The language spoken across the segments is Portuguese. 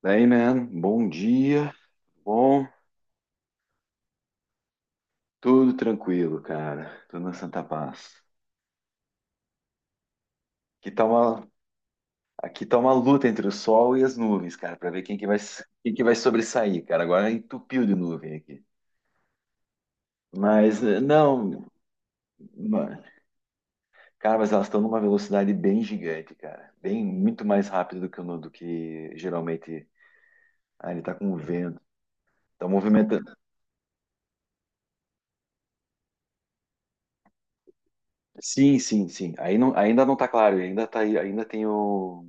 Daí, man, bom dia, bom, tudo tranquilo, cara, tudo na santa paz. Aqui tá uma, aqui tá uma luta entre o sol e as nuvens, cara, pra ver quem que vai sobressair, cara. Agora entupiu de nuvem aqui. Mas, eh, não, ma- cara, mas elas estão numa velocidade bem gigante, cara, bem, muito mais rápido do que, o no- do que geralmente. Ele tá com o vento, tá movimentando. Sim, sim, sim. Aí não, ainda não tá claro, ainda tá, ainda tem o...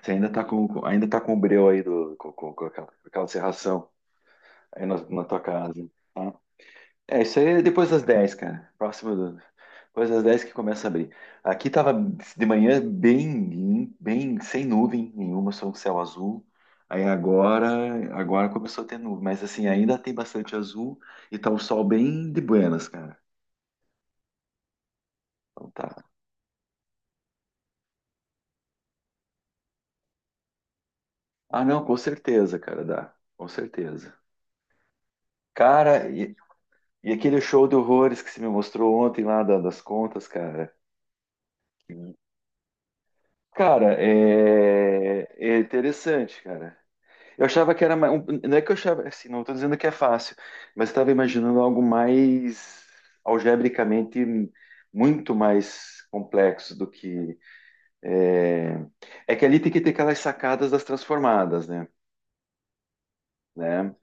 Você ainda tá ainda tá com o breu aí com aquela serração aí na, na tua casa, tá? É, isso aí é depois das 10, cara. Próximo do, depois das 10 que começa a abrir. Aqui tava de manhã bem, bem sem nuvem nenhuma, só um céu azul. Aí agora, agora começou a ter nuvem, mas assim, ainda tem bastante azul e tá um sol bem de buenas, cara. Então tá. Ah, não, com certeza, cara, dá. Com certeza. Cara, e... E aquele show de horrores que você me mostrou ontem lá das contas, cara. Cara, é, é interessante, cara. Eu achava que era mais. Não é que eu achava, assim, não estou dizendo que é fácil, mas estava imaginando algo mais algebricamente muito mais complexo do que. É, é que ali tem que ter aquelas sacadas das transformadas, né? Né?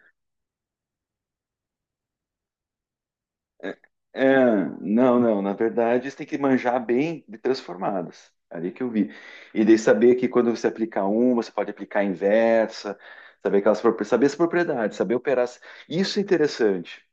É, é, não, não. Na verdade, você tem que manjar bem de transformadas. Ali que eu vi. E daí saber que quando você aplicar uma, você pode aplicar a inversa, saber aquelas, saber as propriedades, saber operar. Isso é interessante.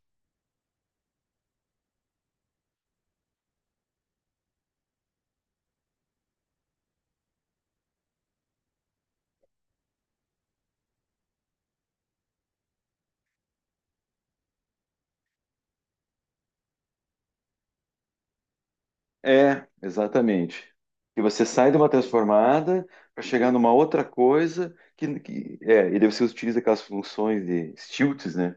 É, exatamente. Que você sai de uma transformada para chegar numa outra coisa é, e daí você utiliza aquelas funções de stilts, né?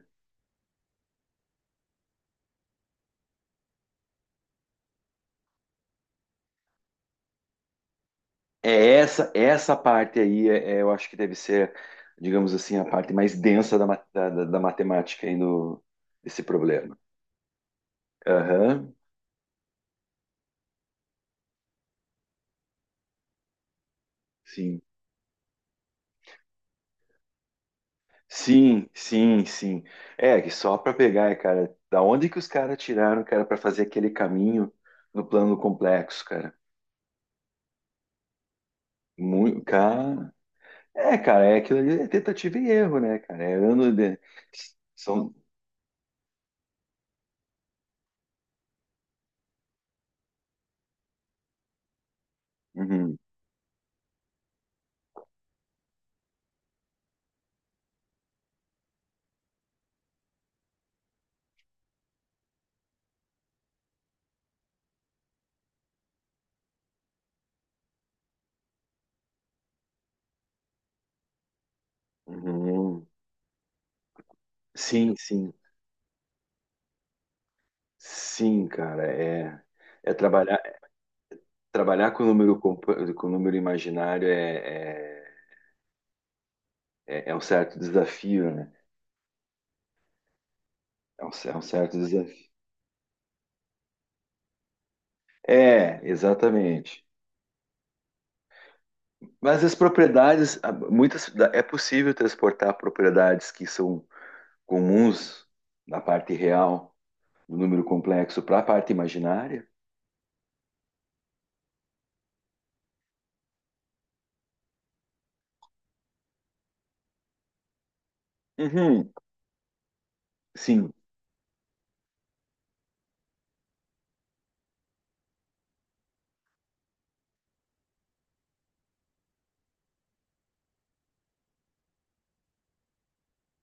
É essa, essa parte aí, é, é, eu acho que deve ser, digamos assim, a parte mais densa da, ma- da, da- da matemática aí no, desse problema. Aham, sim. Sim, sim, sim. É, que só para pegar, é, cara, da onde que os caras tiraram, cara, para fazer aquele caminho no plano complexo, cara? Muito, cara. É, cara, é aquilo ali, é tentativa e erro, né, cara? É ano de. São. Uhum, uhum. Sim, sim. Sim, cara, é. É trabalhar. Trabalhar com o número, com o número imaginário é, é, é é um certo desafio, né? É um, é um certo desafio. É, exatamente. Mas as propriedades, muitas, é possível transportar propriedades que são comuns na parte real do número complexo para a parte imaginária? Uhum. Sim,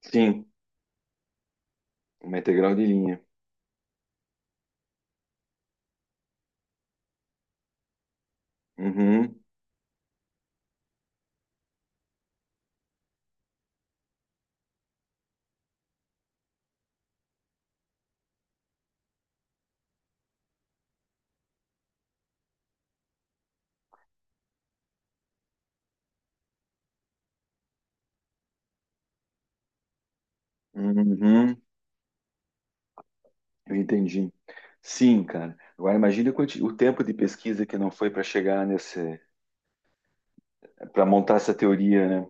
sim. Uma integral de linha. Uhum. Uhum. Eu entendi. Sim, cara. Agora imagine o o tempo de pesquisa que não foi para chegar nesse, para montar essa teoria, né?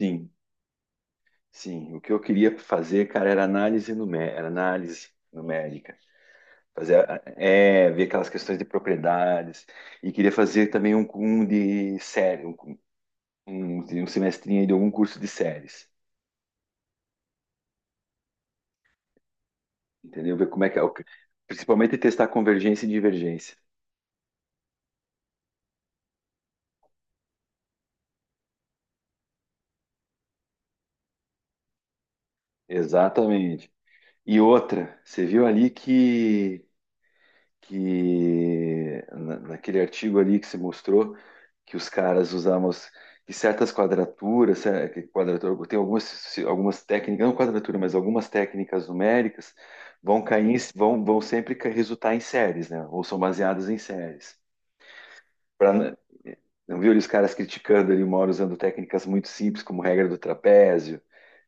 Sim, sim. O que eu queria fazer, cara, era análise numérica, era análise numérica. Fazer, é, ver aquelas questões de propriedades. E queria fazer também um de série, um, um semestrinho aí de algum curso de séries. Entendeu? Ver como é que é. Principalmente testar convergência e divergência. Exatamente. E outra, você viu ali que naquele artigo ali que se mostrou que os caras usavam que certas quadraturas, que quadratura, tem algumas, algumas técnicas, não quadratura, mas algumas técnicas numéricas vão cair, vão, vão sempre resultar em séries, né? Ou são baseadas em séries. Pra, não viu ali os caras criticando ali uma hora usando técnicas muito simples, como regra do trapézio,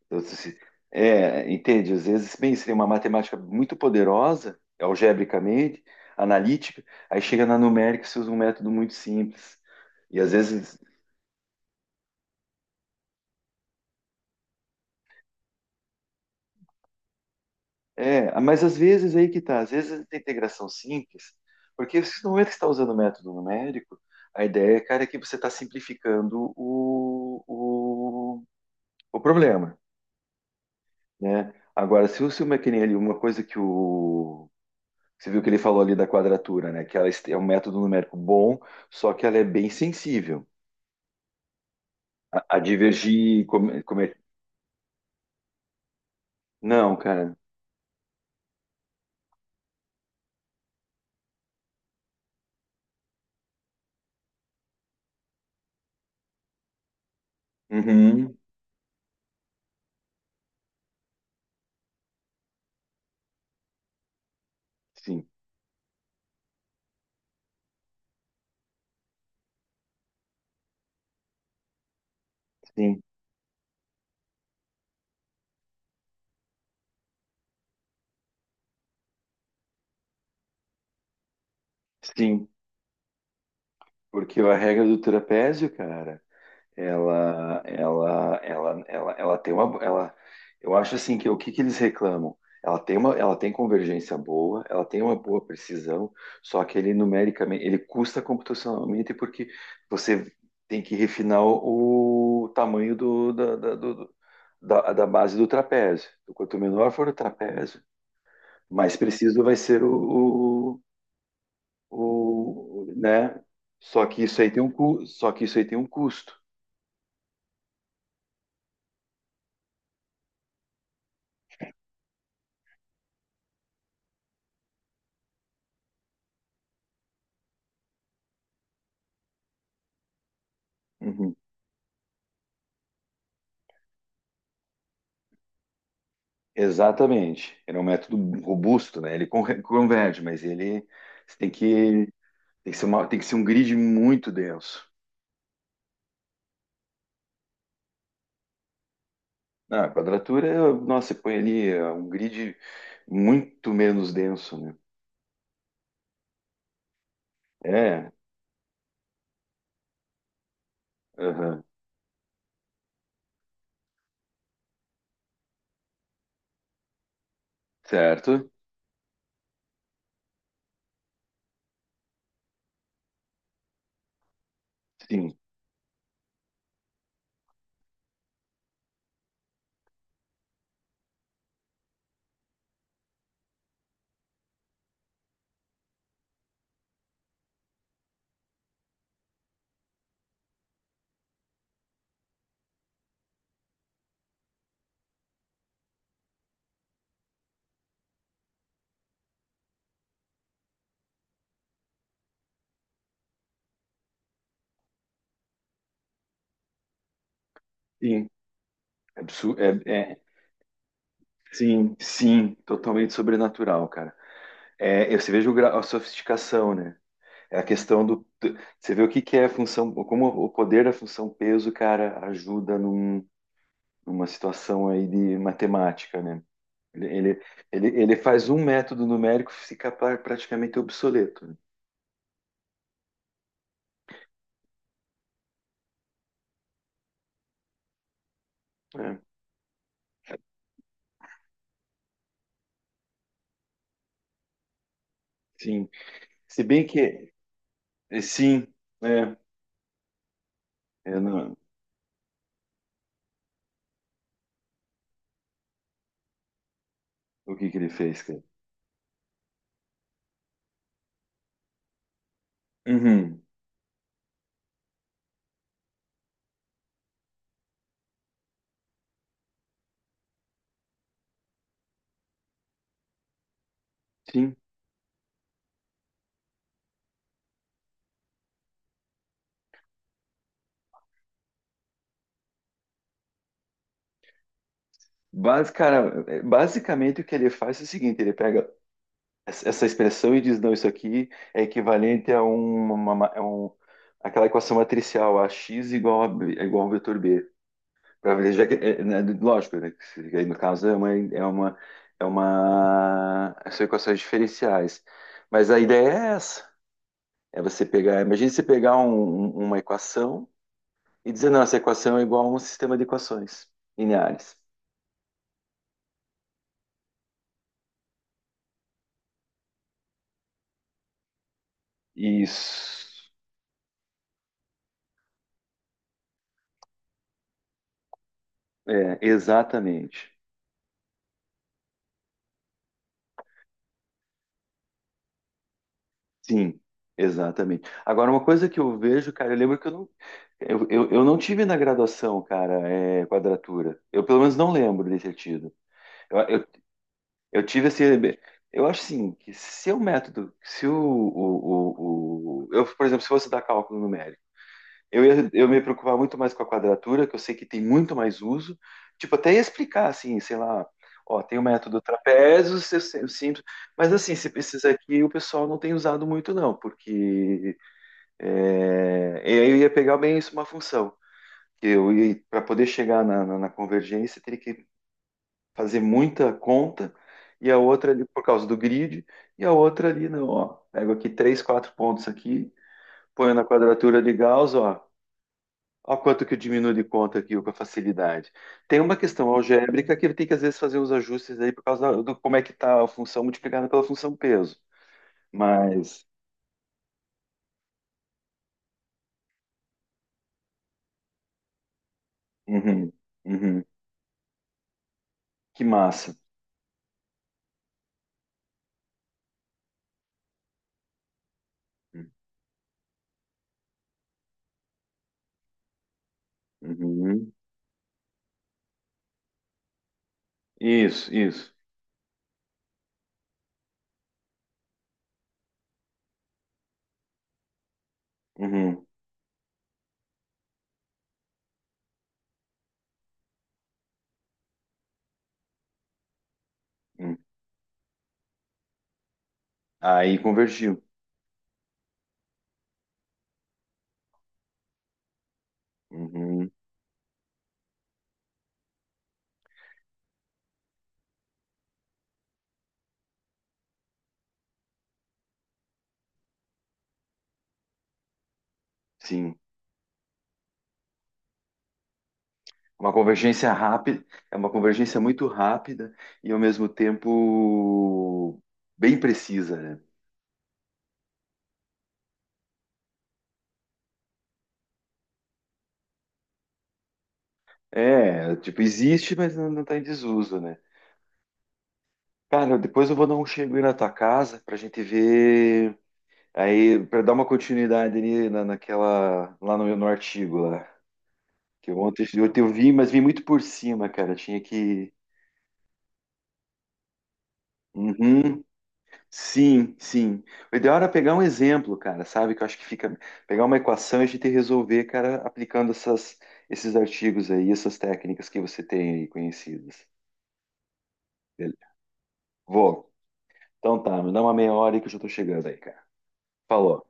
eu disse, assim, é, entende? Às vezes, bem, seria uma matemática muito poderosa, algebricamente, analítica, aí chega na numérica e se usa um método muito simples. E às vezes, é, mas às vezes aí que tá, às vezes a integração simples, porque se não é que você está usando o método numérico, a ideia, cara, é que você está simplificando o problema, né? Agora, se você uma que nem ali, uma coisa que o... Você viu que ele falou ali da quadratura, né? Que ela é um método numérico bom, só que ela é bem sensível a divergir. Como, como é... Não, cara. Uhum. Sim, sim, sim. Porque a regra do trapézio, cara... Ela tem uma, ela, eu acho assim que o que que eles reclamam? Ela tem uma, ela tem convergência boa, ela tem uma boa precisão, só que ele numericamente, ele custa computacionalmente porque você tem que refinar o tamanho do, da, da, do- do- da, da base do trapézio. Então, quanto menor for o trapézio, mais preciso vai ser o, né? Só que isso aí tem um, só que isso aí tem um custo. Uhum. Exatamente. Ele é um método robusto, né? Ele converge, mas ele você tem que ser tem que ser um grid muito denso. Ah, a quadratura, nossa, você põe ali é, um grid muito menos denso, né? É, aham, certo? Sim, sim. Absurdo, é, é, sim, sim, totalmente sobrenatural, cara. É, você veja o grau, a sofisticação, né? É a questão do. Você vê o que que é a função, como o poder da função peso, cara, ajuda num uma situação aí de matemática, né? Ele, ele, ele faz um método numérico ficar praticamente obsoleto. Né? É, sim. Se bem que, é, sim, é, é, não, o que que ele fez, cara? Uhum, sim. Cara, é, basicamente o que ele faz é o seguinte, ele pega essa expressão e diz, não, isso aqui é equivalente a um, uma, a aquela equação matricial, a x igual a, é igual ao vetor b. Para ver, já que, é, né, lógico, né, que se- aí no caso são equações diferenciais. Mas a ideia é essa, é você pegar, imagine você pegar uma equação e dizer, não, essa equação é igual a um sistema de equações lineares. Isso, é, exatamente. Sim, exatamente. Agora, uma coisa que eu vejo, cara, eu lembro que eu não tive na graduação, cara, é, quadratura. Eu pelo menos não lembro de ter tido. Eu, eu Eu tive esse. Eu acho assim, que se o método, se eu, por exemplo, se fosse dar cálculo numérico, eu ia, eu me preocupar muito mais com a quadratura, que eu sei que tem muito mais uso. Tipo, até ia explicar assim, sei lá, ó, tem o método trapézio, simples, mas assim, se precisa aqui, o pessoal não tem usado muito não, porque é, e aí eu ia pegar bem isso uma função. Que eu ia para poder chegar na, na, na convergência, teria que fazer muita conta, e a outra ali por causa do grid, e a outra ali, não, ó, pego aqui três, quatro pontos aqui, ponho na quadratura de Gauss, ó, ó quanto que eu diminuo de conta aqui ó, com a facilidade. Tem uma questão algébrica que ele tem que às vezes fazer os ajustes aí por causa do como é que tá a função multiplicada pela função peso, mas, uhum, uhum, que massa. Uhum. Isso, isso. Uhum, uhum. Aí convergiu. Uhum, sim. Uma convergência rápida, é uma convergência muito rápida e ao mesmo tempo bem precisa, né? É, tipo, existe, mas não, não tá em desuso, né? Cara, depois eu vou dar um chego aí na tua casa pra gente ver aí, pra dar uma continuidade ali na, naquela, lá no, no artigo lá. Que ontem eu vi, mas vi muito por cima, cara. Tinha que... Uhum. Sim, sim. O ideal era pegar um exemplo, cara, sabe? Que eu acho que fica. Pegar uma equação e a gente resolver, cara, aplicando essas, esses artigos aí, essas técnicas que você tem aí conhecidas. Beleza. Vou. Então tá, me dá uma meia hora aí que eu já tô chegando aí, cara. Falou.